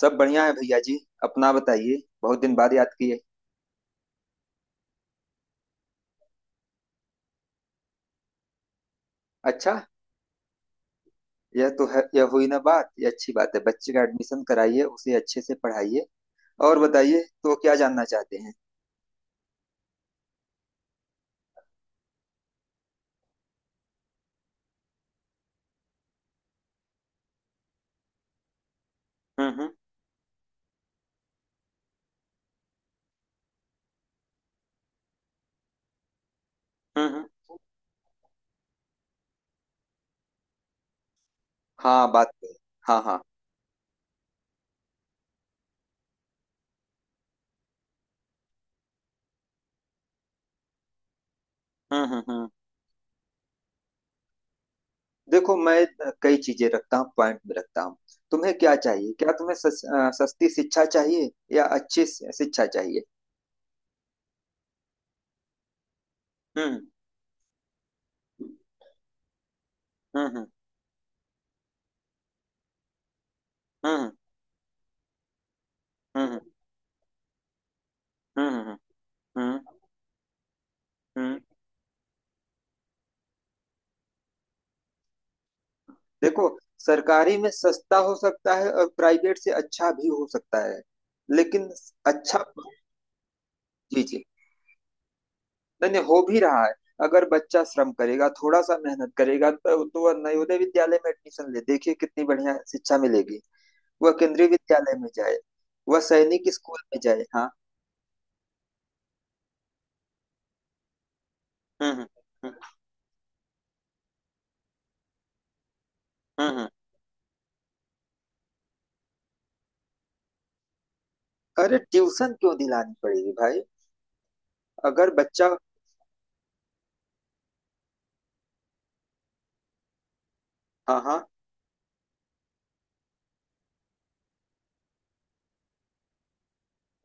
सब बढ़िया है भैया जी। अपना बताइए। बहुत दिन बाद याद किए। अच्छा। यह तो है, यह हुई ना बात, यह अच्छी बात है। बच्चे का एडमिशन कराइए, उसे अच्छे से पढ़ाइए। और बताइए, तो क्या जानना चाहते हैं? हम्म, हम्म, हम्म, हाँ बात तो है। हाँ, हाँ। हम्म, हम्म, हम्म। देखो, मैं कई चीजें रखता हूँ, पॉइंट में रखता हूँ। तुम्हें क्या चाहिए? क्या तुम्हें सस्ती शिक्षा चाहिए या अच्छी शिक्षा चाहिए? हम्म, हम्म, हम्म, हम्म, हम्म, हम्म, हम्म, हम्म, हम्म, हम्म। देखो, सरकारी में सस्ता हो सकता है और प्राइवेट से अच्छा भी हो सकता है, लेकिन। अच्छा। जी, जी। नहीं नहीं, हो भी रहा है। अगर बच्चा श्रम करेगा, थोड़ा सा मेहनत करेगा, तो वह नवोदय विद्यालय में एडमिशन ले। देखिए कितनी बढ़िया शिक्षा मिलेगी। वह केंद्रीय विद्यालय में जाए, वह सैनिक स्कूल में जाए। हाँ। हम्म, हम्म, हम्म, अरे ट्यूशन क्यों दिलानी पड़ेगी भाई? अगर बच्चा। हाँ, हाँ।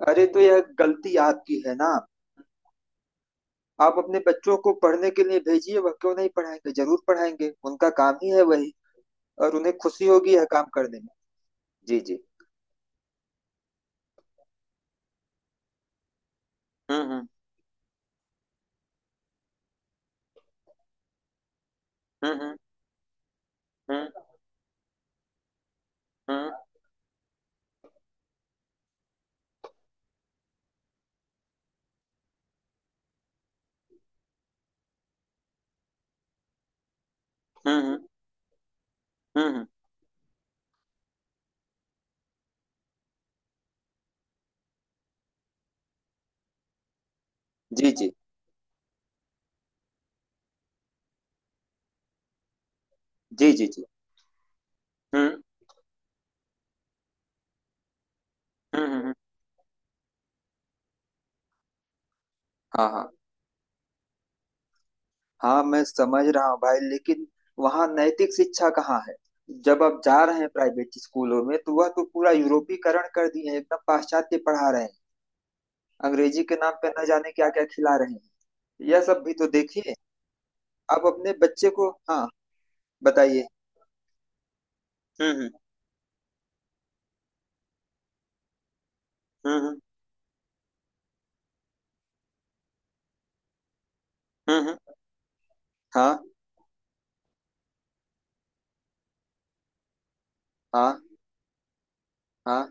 अरे तो यह गलती आपकी है ना। आप अपने बच्चों को पढ़ने के लिए भेजिए, वह क्यों नहीं पढ़ाएंगे, जरूर पढ़ाएंगे, उनका काम ही है वही। और उन्हें खुशी होगी यह काम करने में। जी, जी। हम्म हम्म, हम्म, हम्म, हम्म, हम्म, हम्म, हम्म, हम्म, हम्म। जी, जी, जी, जी, जी। हम्म, हम्म, हम्म, हम्म। हाँ, हाँ। हाँ, मैं समझ रहा हूँ भाई, लेकिन वहाँ नैतिक शिक्षा कहाँ है? जब आप जा रहे हैं प्राइवेट स्कूलों में, तो वह तो पूरा यूरोपीकरण कर दिए हैं, एकदम पाश्चात्य पढ़ा रहे हैं। अंग्रेजी के नाम पे न जाने क्या क्या खिला रहे हैं। यह सब भी तो देखिए। आप अपने बच्चे को। हाँ। बताइए। हम्म, हम्म, हम्म, हम्म, हम्म। हाँ, हाँ। हाँ,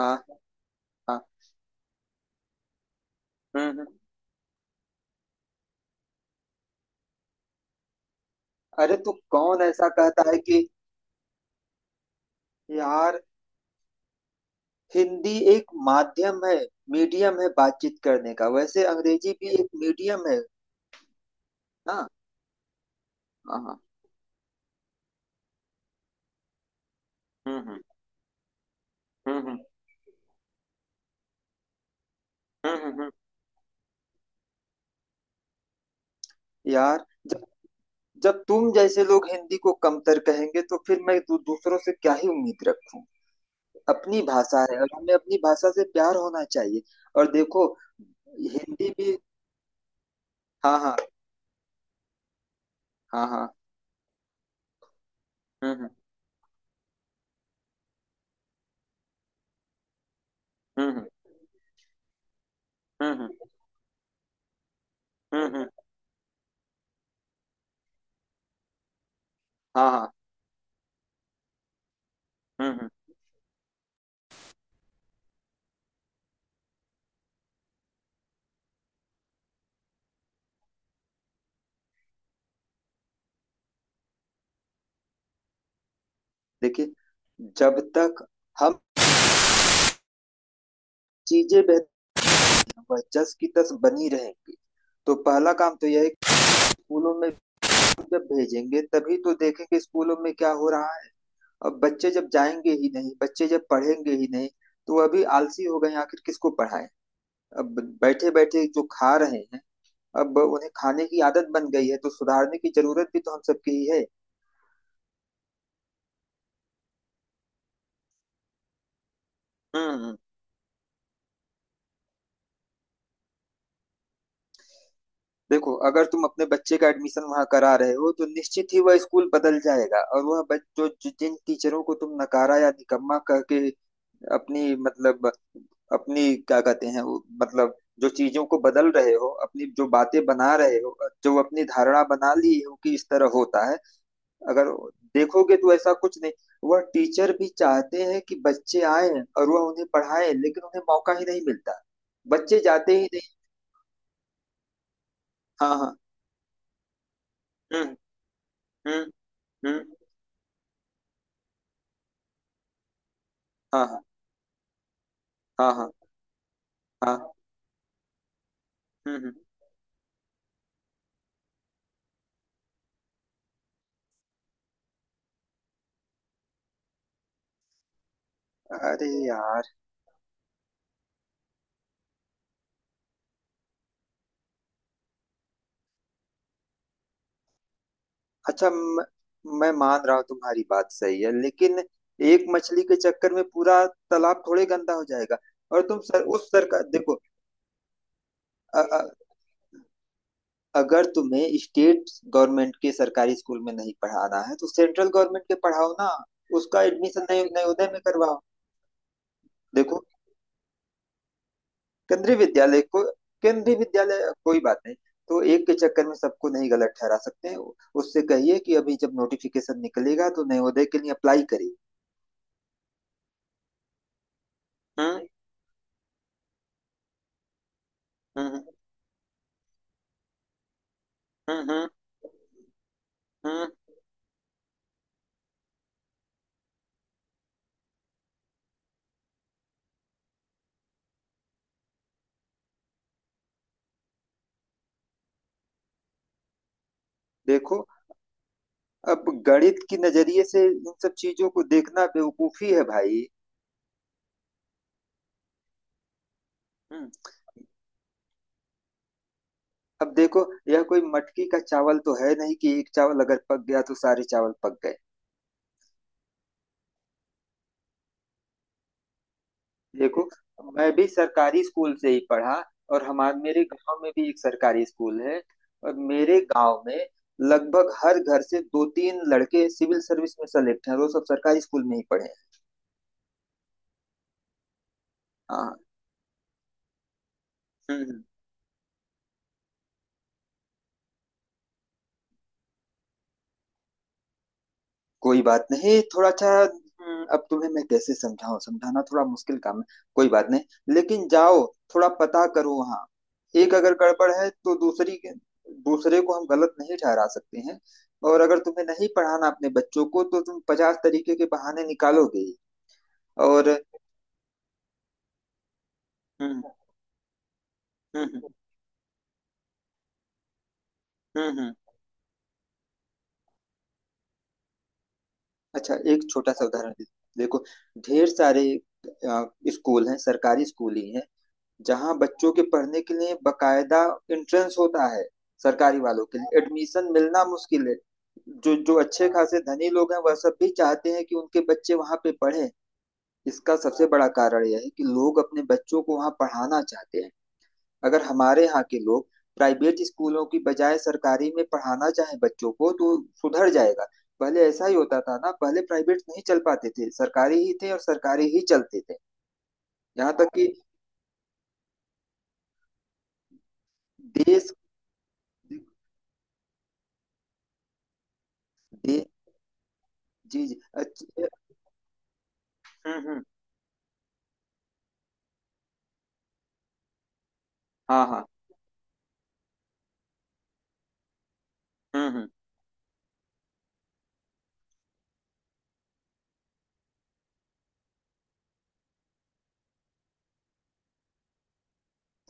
हाँ, हाँ। हम्म, अरे तो कौन ऐसा कहता है कि। यार, हिंदी एक माध्यम है, मीडियम है बातचीत करने का, वैसे अंग्रेजी भी एक मीडियम है। ना। हाँ, हाँ। हम्म, हम्म, हम्म, हम्म, हम्म, यार, जब जब तुम जैसे लोग हिंदी को कमतर कहेंगे तो फिर मैं दूसरों से क्या ही उम्मीद रखूं? अपनी भाषा है और हमें अपनी भाषा से प्यार होना चाहिए। और देखो, हिंदी भी। हाँ, हाँ, हाँ, हाँ। हम्म, हम्म, हम्म, हम्म, हम्म, हम्म, हम्म, हम्म। हाँ, हाँ। हम्म, हम्म। देखिए, जब तक हम चीजें बेहतर, वह जस की तस बनी रहेंगी। तो पहला काम तो यह है कि स्कूलों में जब भेजेंगे तभी तो देखेंगे स्कूलों में क्या हो रहा है। अब बच्चे जब जाएंगे ही नहीं, बच्चे जब पढ़ेंगे ही नहीं, तो अभी आलसी हो गए हैं, आखिर किसको पढ़ाएं? अब बैठे बैठे जो खा रहे हैं, अब उन्हें खाने की आदत बन गई है तो सुधारने की जरूरत भी तो हम सबकी ही है। हम्म। देखो, अगर तुम अपने बच्चे का एडमिशन वहां करा रहे हो तो निश्चित ही वह स्कूल बदल जाएगा। और वह बच- जो जो- जिन टीचरों को तुम नकारा या निकम्मा कह के, अपनी मतलब, अपनी क्या कहते हैं वो मतलब, जो चीजों को बदल रहे हो, अपनी जो बातें बना रहे हो, जो अपनी धारणा बना ली हो कि इस तरह होता है, अगर देखोगे तो ऐसा कुछ नहीं। वह टीचर भी चाहते हैं कि बच्चे आए और वह उन्हें पढ़ाए, लेकिन उन्हें मौका ही नहीं मिलता, बच्चे जाते ही नहीं। हाँ, हाँ। हम्म, हम्म, हम्म। हाँ, हाँ, हाँ, हाँ, हाँ। हम्म, अरे यार। अच्छा, मैं मान रहा हूँ तुम्हारी बात सही है, लेकिन एक मछली के चक्कर में पूरा तालाब थोड़े गंदा हो जाएगा। और तुम सर उस सरकार देखो। अ, अ, अगर तुम्हें स्टेट गवर्नमेंट के सरकारी स्कूल में नहीं पढ़ाना है तो सेंट्रल गवर्नमेंट के पढ़ाओ ना। उसका एडमिशन नवोदय में करवाओ। देखो, केंद्रीय विद्यालय को, केंद्रीय विद्यालय कोई बात नहीं। तो एक के चक्कर में सबको नहीं गलत ठहरा सकते हैं। उससे कहिए कि अभी जब नोटिफिकेशन निकलेगा तो नवोदय के लिए अप्लाई करिए। हम्म, हम्म, हम्म, हम्म, हम्म। देखो, अब गणित की नजरिए से इन सब चीजों को देखना बेवकूफी है भाई। हम्म। अब देखो, यह कोई मटकी का चावल तो है नहीं कि एक चावल अगर पक गया तो सारे चावल पक गए। देखो, मैं भी सरकारी स्कूल से ही पढ़ा। और हमारे मेरे गांव में भी एक सरकारी स्कूल है। और मेरे गांव में लगभग हर घर से दो तीन लड़के सिविल सर्विस में सेलेक्ट हैं, और वो सब सरकारी स्कूल में ही पढ़े हैं। हाँ। हम्म। कोई बात नहीं, थोड़ा सा अब तुम्हें मैं कैसे समझाऊं, समझाना थोड़ा मुश्किल काम है। कोई बात नहीं, लेकिन जाओ, थोड़ा पता करो वहाँ। एक अगर गड़बड़ है तो दूसरे को हम गलत नहीं ठहरा सकते हैं। और अगर तुम्हें नहीं पढ़ाना अपने बच्चों को तो तुम 50 तरीके के बहाने निकालोगे ही। और। हम्म, हम्म, हम्म, हम्म, अच्छा, एक छोटा सा उदाहरण देखो, ढेर सारे अ, स्कूल हैं, सरकारी स्कूल ही हैं, जहाँ बच्चों के पढ़ने के लिए बकायदा एंट्रेंस होता है। सरकारी वालों के लिए एडमिशन मिलना मुश्किल है। जो जो अच्छे खासे धनी लोग हैं वह सब भी चाहते हैं कि उनके बच्चे वहाँ पे पढ़ें। इसका सबसे बड़ा कारण यह है कि लोग अपने बच्चों को वहाँ पढ़ाना चाहते हैं। अगर हमारे यहाँ के लोग प्राइवेट स्कूलों की बजाय सरकारी में पढ़ाना चाहें बच्चों को, तो सुधर जाएगा। पहले ऐसा ही होता था ना, पहले प्राइवेट नहीं चल पाते थे, सरकारी ही थे और सरकारी ही चलते थे। यहाँ तक कि देश दे, जी, जी। अच्छ हुँ, हुँ। हाँ, हाँ। हुँ, हुँ।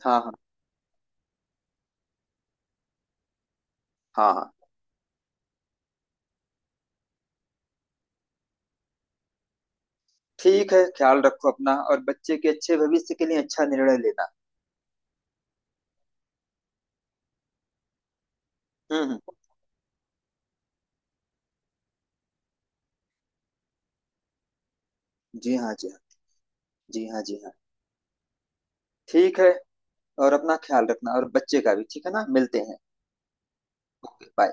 हाँ, हाँ। हाँ, हाँ। ठीक है, ख़्याल रखो अपना, और बच्चे के अच्छे भविष्य के लिए अच्छा निर्णय लेना। हुँ, हुँ। जी हाँ, जी हाँ। जी हाँ, जी हाँ। ठीक है, और अपना ख़्याल रखना और बच्चे का भी, ठीक है ना? मिलते हैं। बाय।